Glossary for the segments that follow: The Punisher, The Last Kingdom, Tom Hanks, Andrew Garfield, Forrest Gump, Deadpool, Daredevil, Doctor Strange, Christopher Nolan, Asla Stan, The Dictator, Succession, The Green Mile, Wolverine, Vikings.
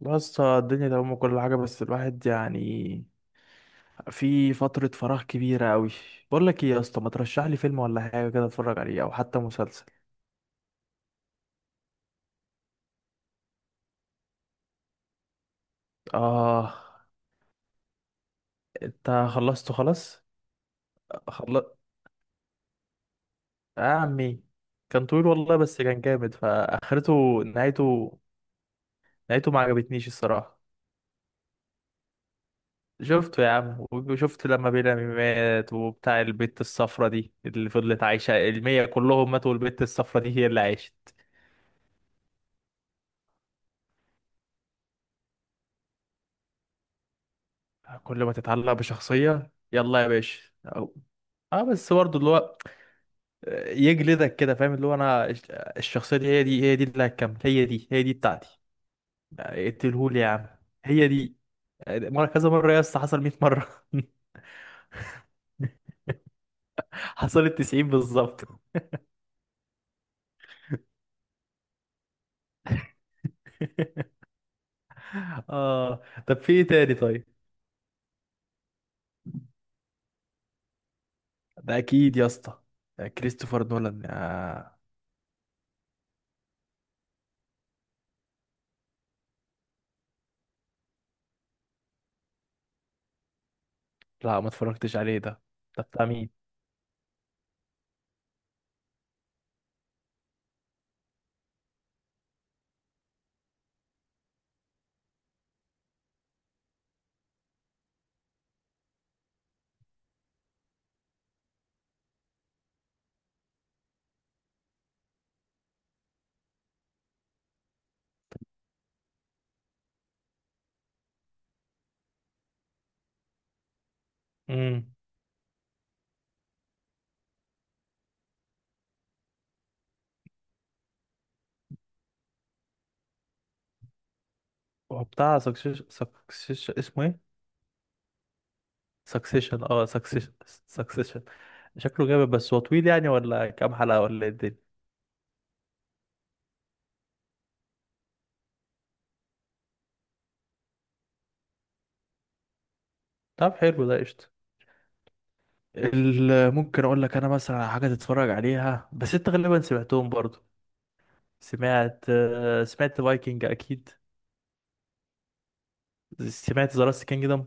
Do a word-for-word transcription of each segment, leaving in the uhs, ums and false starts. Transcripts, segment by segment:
بس الدنيا تمام وكل حاجة، بس الواحد يعني في فترة فراغ كبيرة أوي. بقول لك إيه يا اسطى، ما ترشح لي فيلم ولا حاجة كده أتفرج عليه، أو حتى مسلسل؟ آه. أنت خلصته خلاص؟ خلص يا عمي. كان طويل والله، بس كان جامد. فآخرته، نهايته، نهايته ما عجبتنيش الصراحة. شفته يا عم، وشفت لما بيلامي مات وبتاع البت الصفرة دي اللي فضلت عايشة، المية كلهم ماتوا والبت الصفرة دي هي اللي عاشت. كل ما تتعلق بشخصية يلا يا باشا أو... اه، بس برضه اللي هو يجلدك كده، فاهم؟ اللي هو انا الش- الشخصية دي، هي دي هي دي اللي هتكمل، هي دي هي دي بتاعتي. اقتلهولي يا عم. هي دي. آه، مرة، كذا مرة يا اسطى، حصل ميت مرة. حصلت تسعين بالظبط. اه. طب في ايه تاني طيب؟ ده اكيد يا اسطى، ده كريستوفر نولان. آه. لا، ما اتفرجتش عليه ده. ده بتاع مين؟ امم. هو بتاع سكسيش سكسيش، اسمه ايه؟ سكسيشن. اه، سكسيشن. سكسيشن. شكله جامد، بس هو طويل يعني؟ ولا كام حلقة، ولا ايه الدنيا؟ طب حلو، ده قشطة. ال- ممكن اقول لك انا مثلا على حاجة تتفرج عليها، بس انت غالبا سمعتهم برضو. سمعت آه، سمعت فايكنج اكيد. سمعت ذا لاست كينجدم.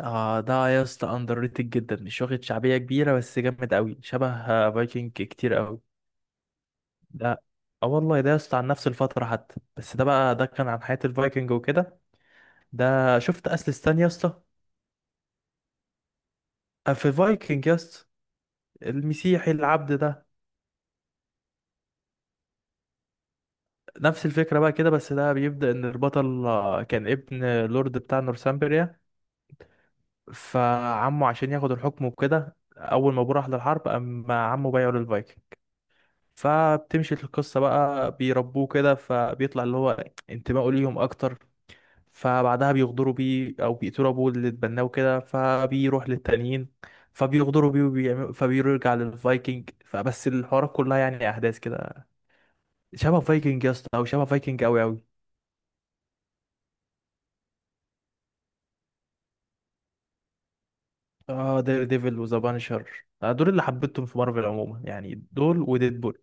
اه، ده يا اسطى اندر ريتد جدا، مش واخد شعبية كبيرة، بس جامد قوي، شبه فايكنج كتير قوي، ده. اه والله، ده يا اسطى عن نفس الفترة حتى، بس ده بقى ده كان عن حياة الفايكنج وكده. ده شفت اسل ستان يا اسطى؟ آه، في فايكنج يس، المسيحي العبد ده. نفس الفكرة بقى كده، بس ده بيبدأ إن البطل آه، كان ابن لورد بتاع نورثامبريا. فعمه عشان ياخد الحكم وكده، أول ما أبوه راح للحرب، أما عمه بايعه للفايكنج. فبتمشي القصة بقى، بيربوه كده، فبيطلع اللي هو انتمائه ليهم أكتر. فبعدها بيغدروا بيه، أو بيقتلوا أبوه اللي اتبناه كده، فبيروح للتانيين. فبيغدروا بيه وبيعملوا، فبيرجع للفايكنج. فبس الحوارات كلها يعني أحداث كده شبه فايكنج يا اسطى، او شبه فايكنج قوي قوي. اه، دير ديفل وذا بانشر، آه دول اللي حبيتهم في مارفل عموما يعني، دول وديدبول.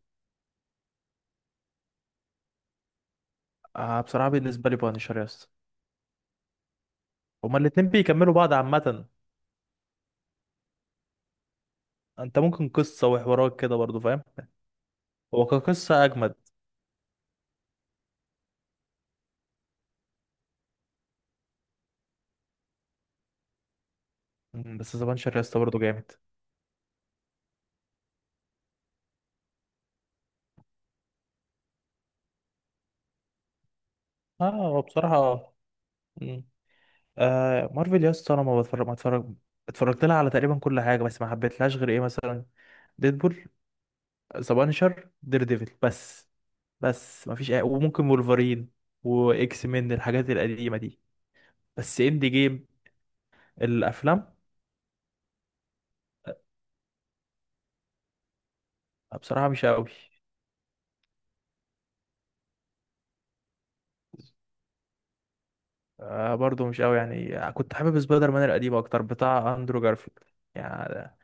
آه، بصراحه بالنسبه لي بانشر يا اسطى، هما الاتنين بيكملوا بعض عامه. انت ممكن قصه وحوارات كده برضو، فاهم؟ هو كقصه اجمد. مم، بس ذا بانشر يا اسطى برضو جامد. اه، هو بصراحه. مم. آه، مارفل يا اسطى انا ما بتفرج ما اتفرج. اتفرجت لها على تقريبا كل حاجه، بس ما حبيتلهاش غير ايه، مثلا ديدبول، ذا بانشر، دير ديفل، بس. بس مفيش أي... وممكن وولفرين، واكس مين، الحاجات القديمه دي. بس اند جيم. الافلام بصراحه مش قوي. آه برضو مش قوي يعني، كنت حابب سبايدر مان القديم اكتر، بتاع اندرو جارفيلد. يعني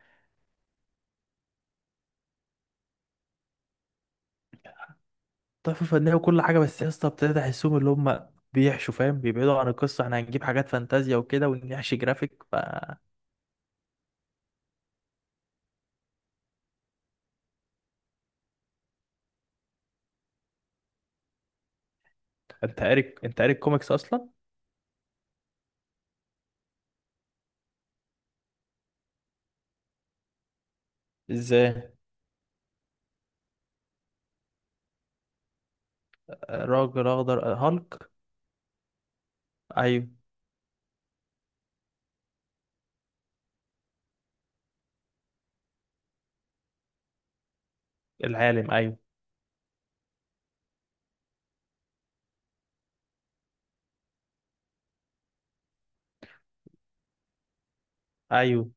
تحفه فنيه وكل حاجه، بس يا اسطى ابتديت احسهم اللي هم بيحشوا، فاهم؟ بيبعدوا عن القصه، احنا هنجيب حاجات فانتازيا وكده ونحشي جرافيك ف... انت قاري انت قاري الكوميكس اصلا؟ ازاي؟ راجل اخضر، هالك؟ ايوه. العالم، ايوه ايوه.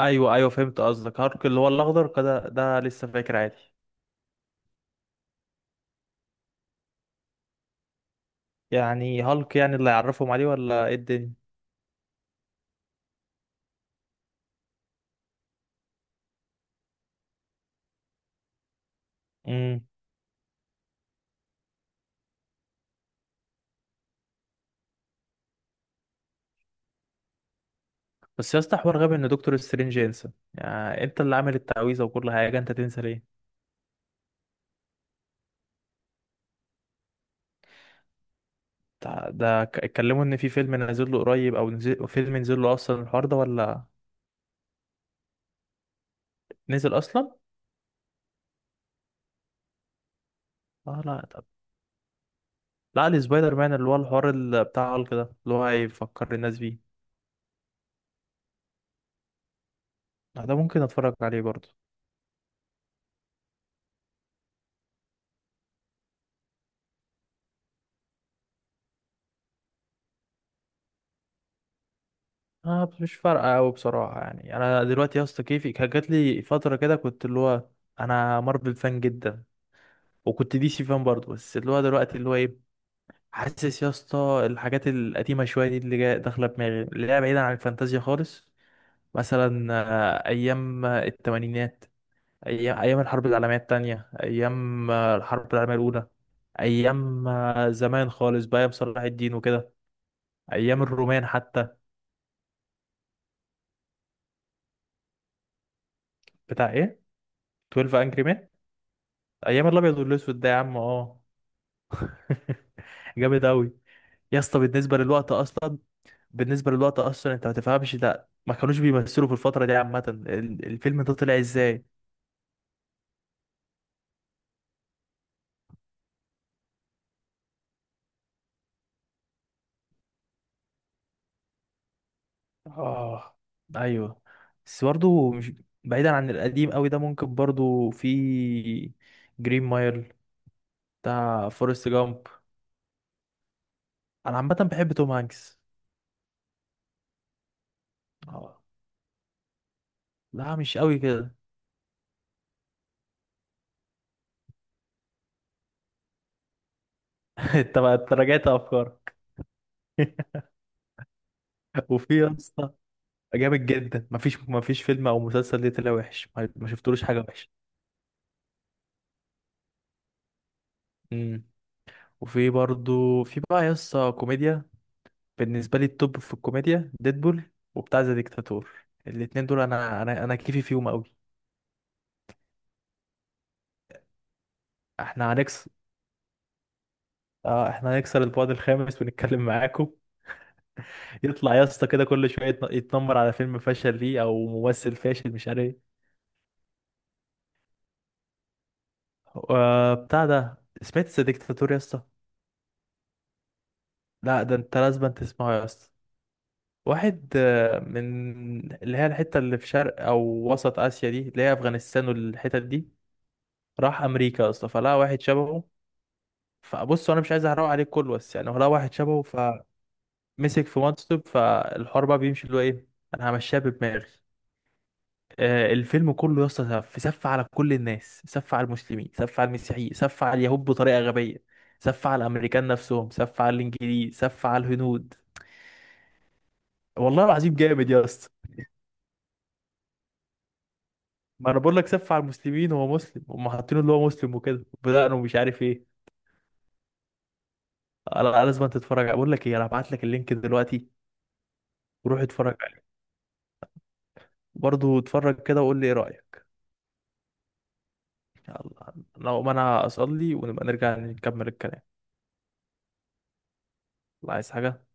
ايوه، ايوه، فهمت قصدك. هالك اللي هو الاخضر كده، ده لسه فاكر عادي. يعني هالك يعني اللي يعرفهم عليه، ولا ايه الدنيا؟ امم. بس يا اسطى حوار غبي ان دكتور سترينج ينسى، يعني انت اللي عامل التعويذه وكل حاجه، انت تنسى ليه؟ تع- ده ك- اتكلموا ان في فيلم نازل له قريب، او نزل فيلم، نزل له اصلا الحوار ده، ولا نزل اصلا؟ اه، لا طب. لا، السبايدر مان اللي هو الحوار ال- بتاع هالك ده، اللي هو هيفكر الناس بيه. لا، ده ممكن اتفرج عليه برضه. اه، مش فارقه قوي بصراحه، يعني انا دلوقتي يا اسطى كيفي كان جات لي فتره كده، كنت اللي هو انا مارفل فان جدا، وكنت دي سي فان برضه، بس اللي هو دلوقتي اللي هو ايه، حاسس يا اسطى، الحاجات القديمه شويه دي اللي جايه داخله دماغي، اللي هي بعيدا عن الفانتازيا خالص. مثلا آه، ايام الثمانينات، ايام، ايام الحرب العالميه الثانيه، ايام آه، الحرب العالميه الاولى، ايام آه، زمان خالص بقى، ايام صلاح الدين وكده، ايام الرومان حتى. بتاع ايه، اتناشر انجري. ايام الابيض والاسود ده يا عم. اه. جامد اوي. يا اسطى بالنسبه للوقت اصلا، بالنسبه للوقت اصلا انت ما تفهمش ده، ما كانوش بيمثلوا في الفتره دي عامه، ال- الفيلم ده طلع ازاي؟ اه، ايوه. بس برضه مش بعيدا عن القديم قوي ده، ممكن برضه في جرين مايل، بتاع فورست جامب. انا عامه بحب توم هانكس. اه، لا مش قوي كده. انت بقى- انت راجعت افكارك؟ وفي يا اسطى جامد جدا، مفيش مفيش فيلم او مسلسل ليه طلع وحش، ما ما شفتلوش حاجه وحشه. امم. وفي برضو في بقى يسطا كوميديا. بالنسبه لي التوب في الكوميديا ديدبول، وبتاع ذا ديكتاتور، الاتنين دول، انا انا انا كيفي فيهم قوي. احنا هنكسر. اه، احنا هنكسر البعد الخامس ونتكلم معاكم. يطلع يسطا كده كل شويه، يتن- يتنمر على فيلم فشل ليه، او ممثل فاشل مش عارف ايه. آه، بتاع ده، سمعت ذا ديكتاتور يسطا؟ لا، ده انت لازم تسمعه يا اسطى. واحد آه، من اللي هي الحتة اللي في شرق أو وسط آسيا دي، اللي هي أفغانستان والحتت دي، راح أمريكا أصلا، فلقى واحد شبهه. فبص، أنا مش عايز أحرق عليك كله، بس يعني هو لقى واحد شبهه، فمسك في منصب، فالحوار بقى بيمشي اللي هو إيه، أنا همشيها بدماغي. آه، الفيلم كله يا اسطى سف، سف على كل الناس، سف على المسلمين، سف على المسيحيين، سف على اليهود، بطريقة غبية، سف على الأمريكان نفسهم، سف على الإنجليز، سف على الهنود. والله العظيم جامد يا اسطى. ما انا بقول لك، سف على المسلمين، هو مسلم، هم حاطينه اللي هو مسلم وكده، بدأنا، ومش عارف ايه. انا أنا لازم تتفرج عليه. بقول لك ايه، انا هبعت لك اللينك دلوقتي، وروح اتفرج عليه برضه، اتفرج كده وقول لي ايه رأيك. يلا، لو ما انا اصلي، ونبقى نرجع نكمل الكلام. الله، عايز حاجة؟